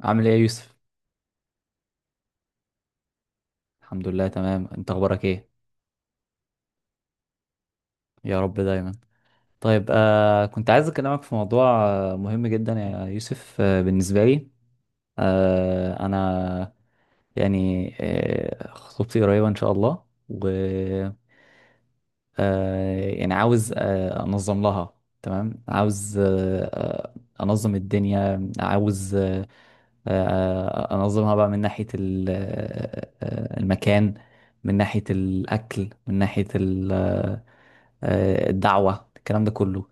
عامل ايه يا يوسف؟ الحمد لله تمام. انت اخبارك ايه؟ يا رب دايما. طيب كنت عايز اكلمك في موضوع مهم جدا يا يوسف، بالنسبه لي. انا يعني خطوبتي قريبه ان شاء الله. يعني عاوز انظم لها. تمام، عاوز انظم الدنيا. عاوز آه، انظمها بقى من ناحية المكان، من ناحية الاكل، من ناحية الدعوة، الكلام ده كله.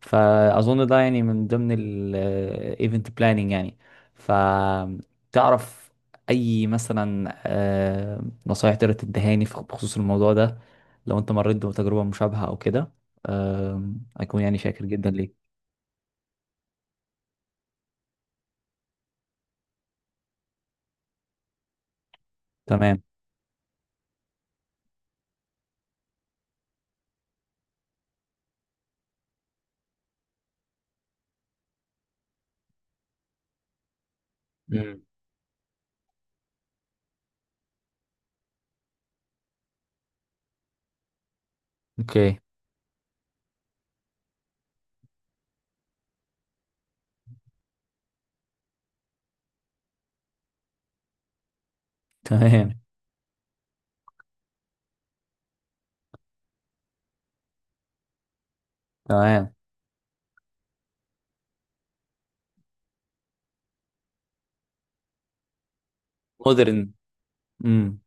فأظن ده يعني من ضمن الايفنت بلاننج يعني. فتعرف أي مثلا نصايح تقدر تدهاني بخصوص الموضوع ده، لو أنت مريت بتجربة مشابهة أو كده؟ أكون يعني شاكر جدا ليك. تمام. مم. اوكي. تمام. تمام. مودرن. امم.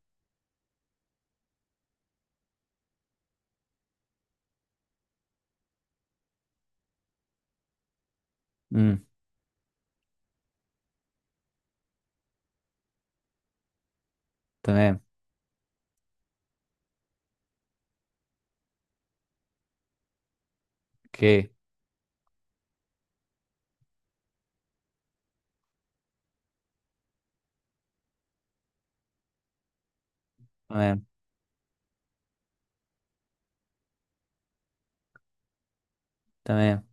امم. تمام. اوكي. تمام. تمام.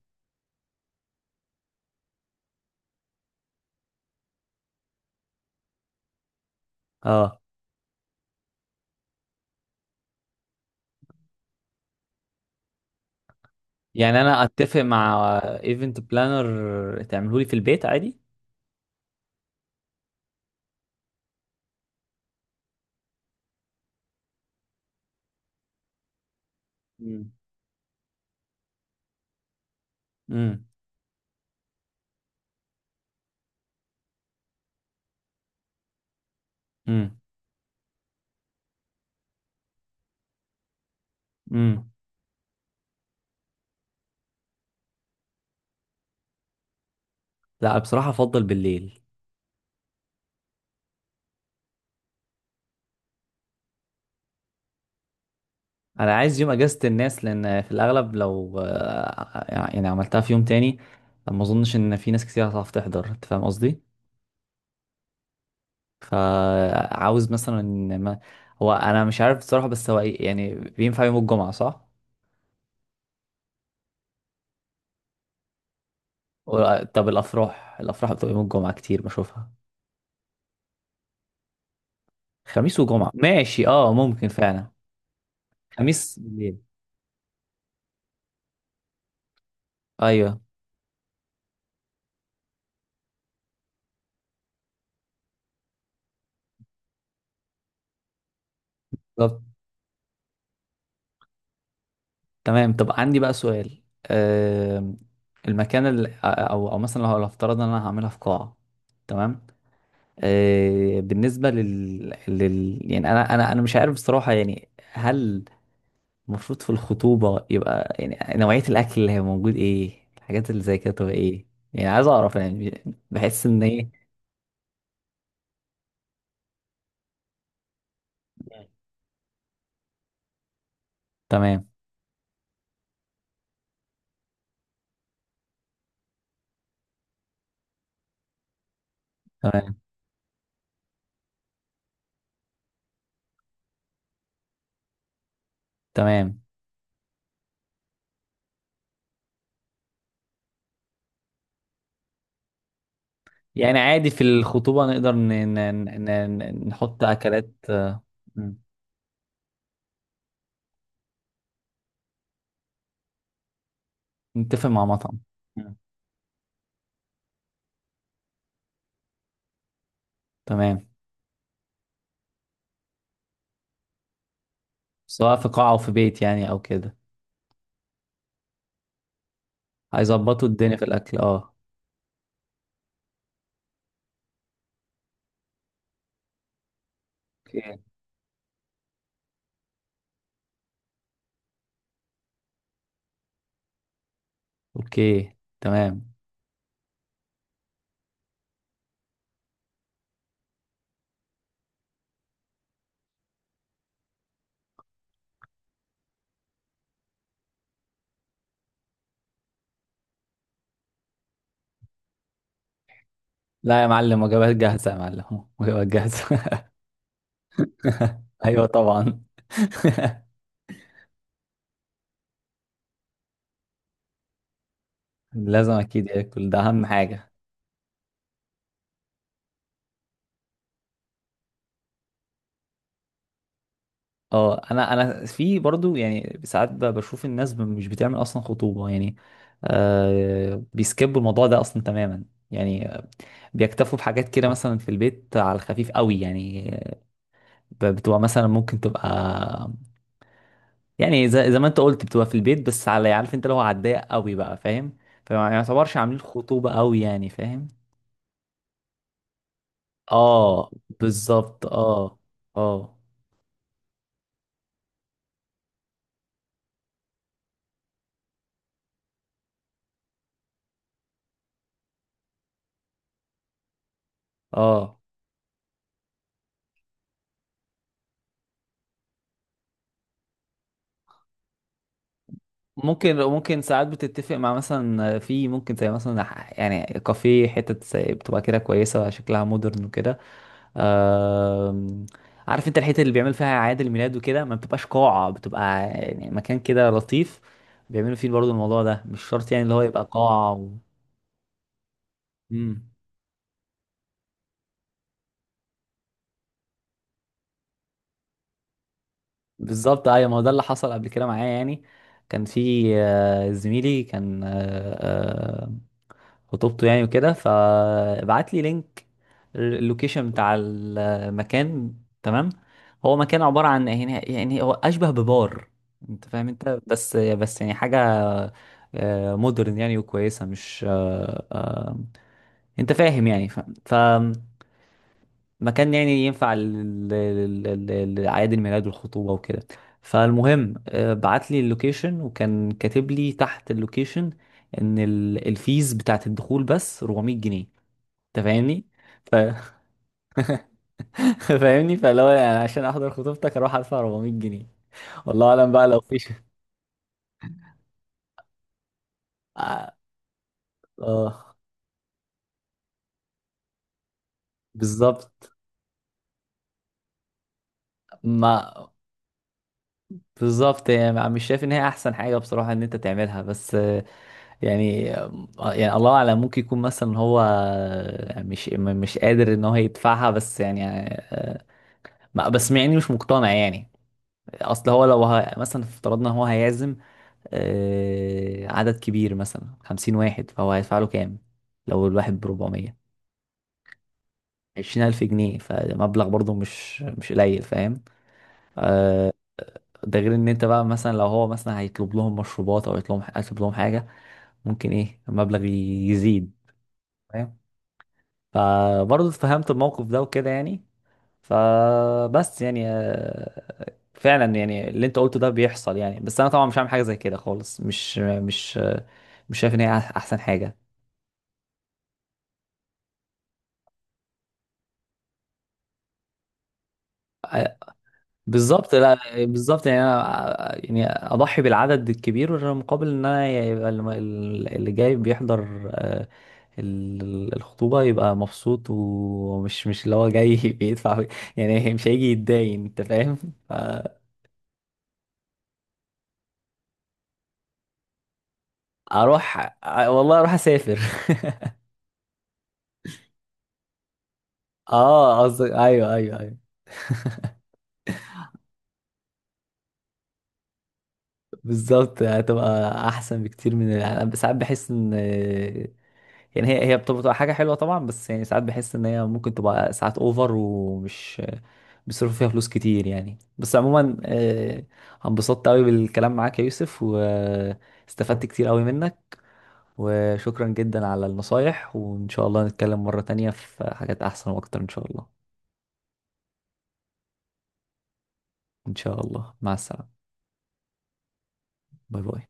اه، يعني انا اتفق مع ايفنت بلانر تعمله لي في البيت عادي؟ مم. امم. امم. امم. لا، بصراحه افضل بالليل. انا عايز يوم اجازه الناس، لان في الاغلب لو يعني عملتها في يوم تاني ما اظنش ان في ناس كتير هتعرف تحضر، انت فاهم قصدي. فعاوز مثلا إن ما، هو انا مش عارف بصراحه، بس هو يعني بينفع يوم الجمعه صح؟ طب الافراح، الافراح بتبقى يوم الجمعه كتير بشوفها. خميس وجمعه، ماشي اه ممكن فعلا. خميس بالليل. ايوه. بالظبط. تمام. طب عندي بقى سؤال، آم، المكان اللي او او مثلا لو لو افترض ان انا هعملها في قاعه، تمام، بالنسبه لل... لل يعني انا مش عارف بصراحه. يعني هل المفروض في الخطوبه يبقى يعني نوعيه الاكل اللي هي موجود ايه؟ الحاجات اللي زي كده تبقى ايه؟ يعني عايز اعرف يعني، بحس ان ايه. تمام. تمام. تمام. يعني عادي في الخطوبه نقدر نحط اكلات نتفق مع مطعم. مم. تمام. سواء في قاعة أو في بيت، يعني أو كده. هيظبطوا الدنيا في الأكل اه. اوكي. أوكي تمام. لا يا معلم، وجبات جاهزة، يا معلم وجبات جاهزة. أيوة طبعا. لازم أكيد ياكل، ده أهم حاجة. اه، أنا أنا في برضو يعني ساعات بشوف الناس مش بتعمل أصلا خطوبة يعني. آه بيسكبوا الموضوع ده أصلا تماما يعني. بيكتفوا بحاجات كده، مثلا في البيت على الخفيف قوي يعني. بتبقى مثلا ممكن تبقى، يعني زي ما انت قلت بتبقى في البيت بس على، عارف انت اللي هو على الضيق قوي بقى، فاهم؟ فما يعتبرش عاملين خطوبة قوي يعني، فاهم. اه. بالظبط اه. اه. اه. ممكن، ممكن ساعات بتتفق مع مثلا، في ممكن زي مثلا يعني كافيه، حتة زي بتبقى كده كويسة، شكلها مودرن وكده. آم، عارف انت الحته اللي بيعمل فيها اعياد الميلاد وكده، ما بتبقاش قاعه، بتبقى يعني مكان كده لطيف، بيعملوا فيه برضو الموضوع ده. مش شرط يعني اللي هو يبقى قاعه و... مم. بالظبط. ايوه، ما هو ده اللي حصل قبل كده معايا يعني. كان في زميلي كان خطوبته يعني وكده، فبعت لي لينك اللوكيشن بتاع المكان. تمام. هو مكان عباره عن يعني، يعني هو اشبه ببار، انت فاهم، انت بس يعني حاجه مودرن يعني، وكويسة مش انت فاهم يعني. ف... فمكان يعني ينفع لأعياد الميلاد والخطوبة وكده. فالمهم بعت لي اللوكيشن، وكان كاتب لي تحت اللوكيشن ان الفيز بتاعت الدخول بس 400 جنيه. انت فاهمني؟ ف... فاهمني؟ فلو يعني عشان احضر خطوبتك اروح ادفع 400 جنيه؟ والله اعلم بقى لو في اه. آه، بالظبط. ما بالظبط. يعني مش شايف ان هي احسن حاجه بصراحه ان انت تعملها، بس يعني يعني الله اعلم ممكن يكون مثلا هو مش مش قادر ان هو يدفعها، بس يعني آه، بس يعني مش مقتنع يعني. اصل هو لو مثلا افترضنا هو هيعزم عدد كبير مثلا 50 واحد، فهو هيدفع له كام؟ لو الواحد بربعمية، 20000 جنيه، فمبلغ برضه مش مش قليل فاهم. ده غير ان انت بقى مثلا لو هو مثلا هيطلب لهم مشروبات او يطلب لهم، هيطلب لهم حاجة، ممكن ايه المبلغ يزيد. فاهم. فبرضه اتفهمت الموقف ده وكده يعني. فبس يعني فعلا يعني اللي انت قلته ده بيحصل يعني، بس انا طبعا مش هعمل حاجه زي كده خالص. مش مش مش شايف ان هي احسن حاجه. آه، بالظبط، لا. بالظبط يعني، انا يعني اضحي بالعدد الكبير مقابل ان انا يبقى اللي جاي بيحضر الخطوبة يبقى مبسوط، ومش مش اللي هو جاي بيدفع يعني. مش هيجي يتداين، انت فاهم. ف- اروح، والله اروح اسافر. اه قصدك، ايوه ايوه ايوه. بالظبط، هتبقى احسن بكتير. من، انا ساعات بحس ان يعني هي هي بتبقى حاجه حلوه طبعا، بس يعني ساعات بحس ان هي ممكن تبقى ساعات اوفر، ومش بيصرفوا فيها فلوس كتير يعني. بس عموما انبسطت قوي بالكلام معاك يا يوسف، واستفدت كتير قوي منك، وشكرا جدا على النصايح، وإن شاء الله نتكلم مرة تانية في حاجات أحسن وأكتر إن شاء الله. إن شاء الله، مع السلامة. باي باي.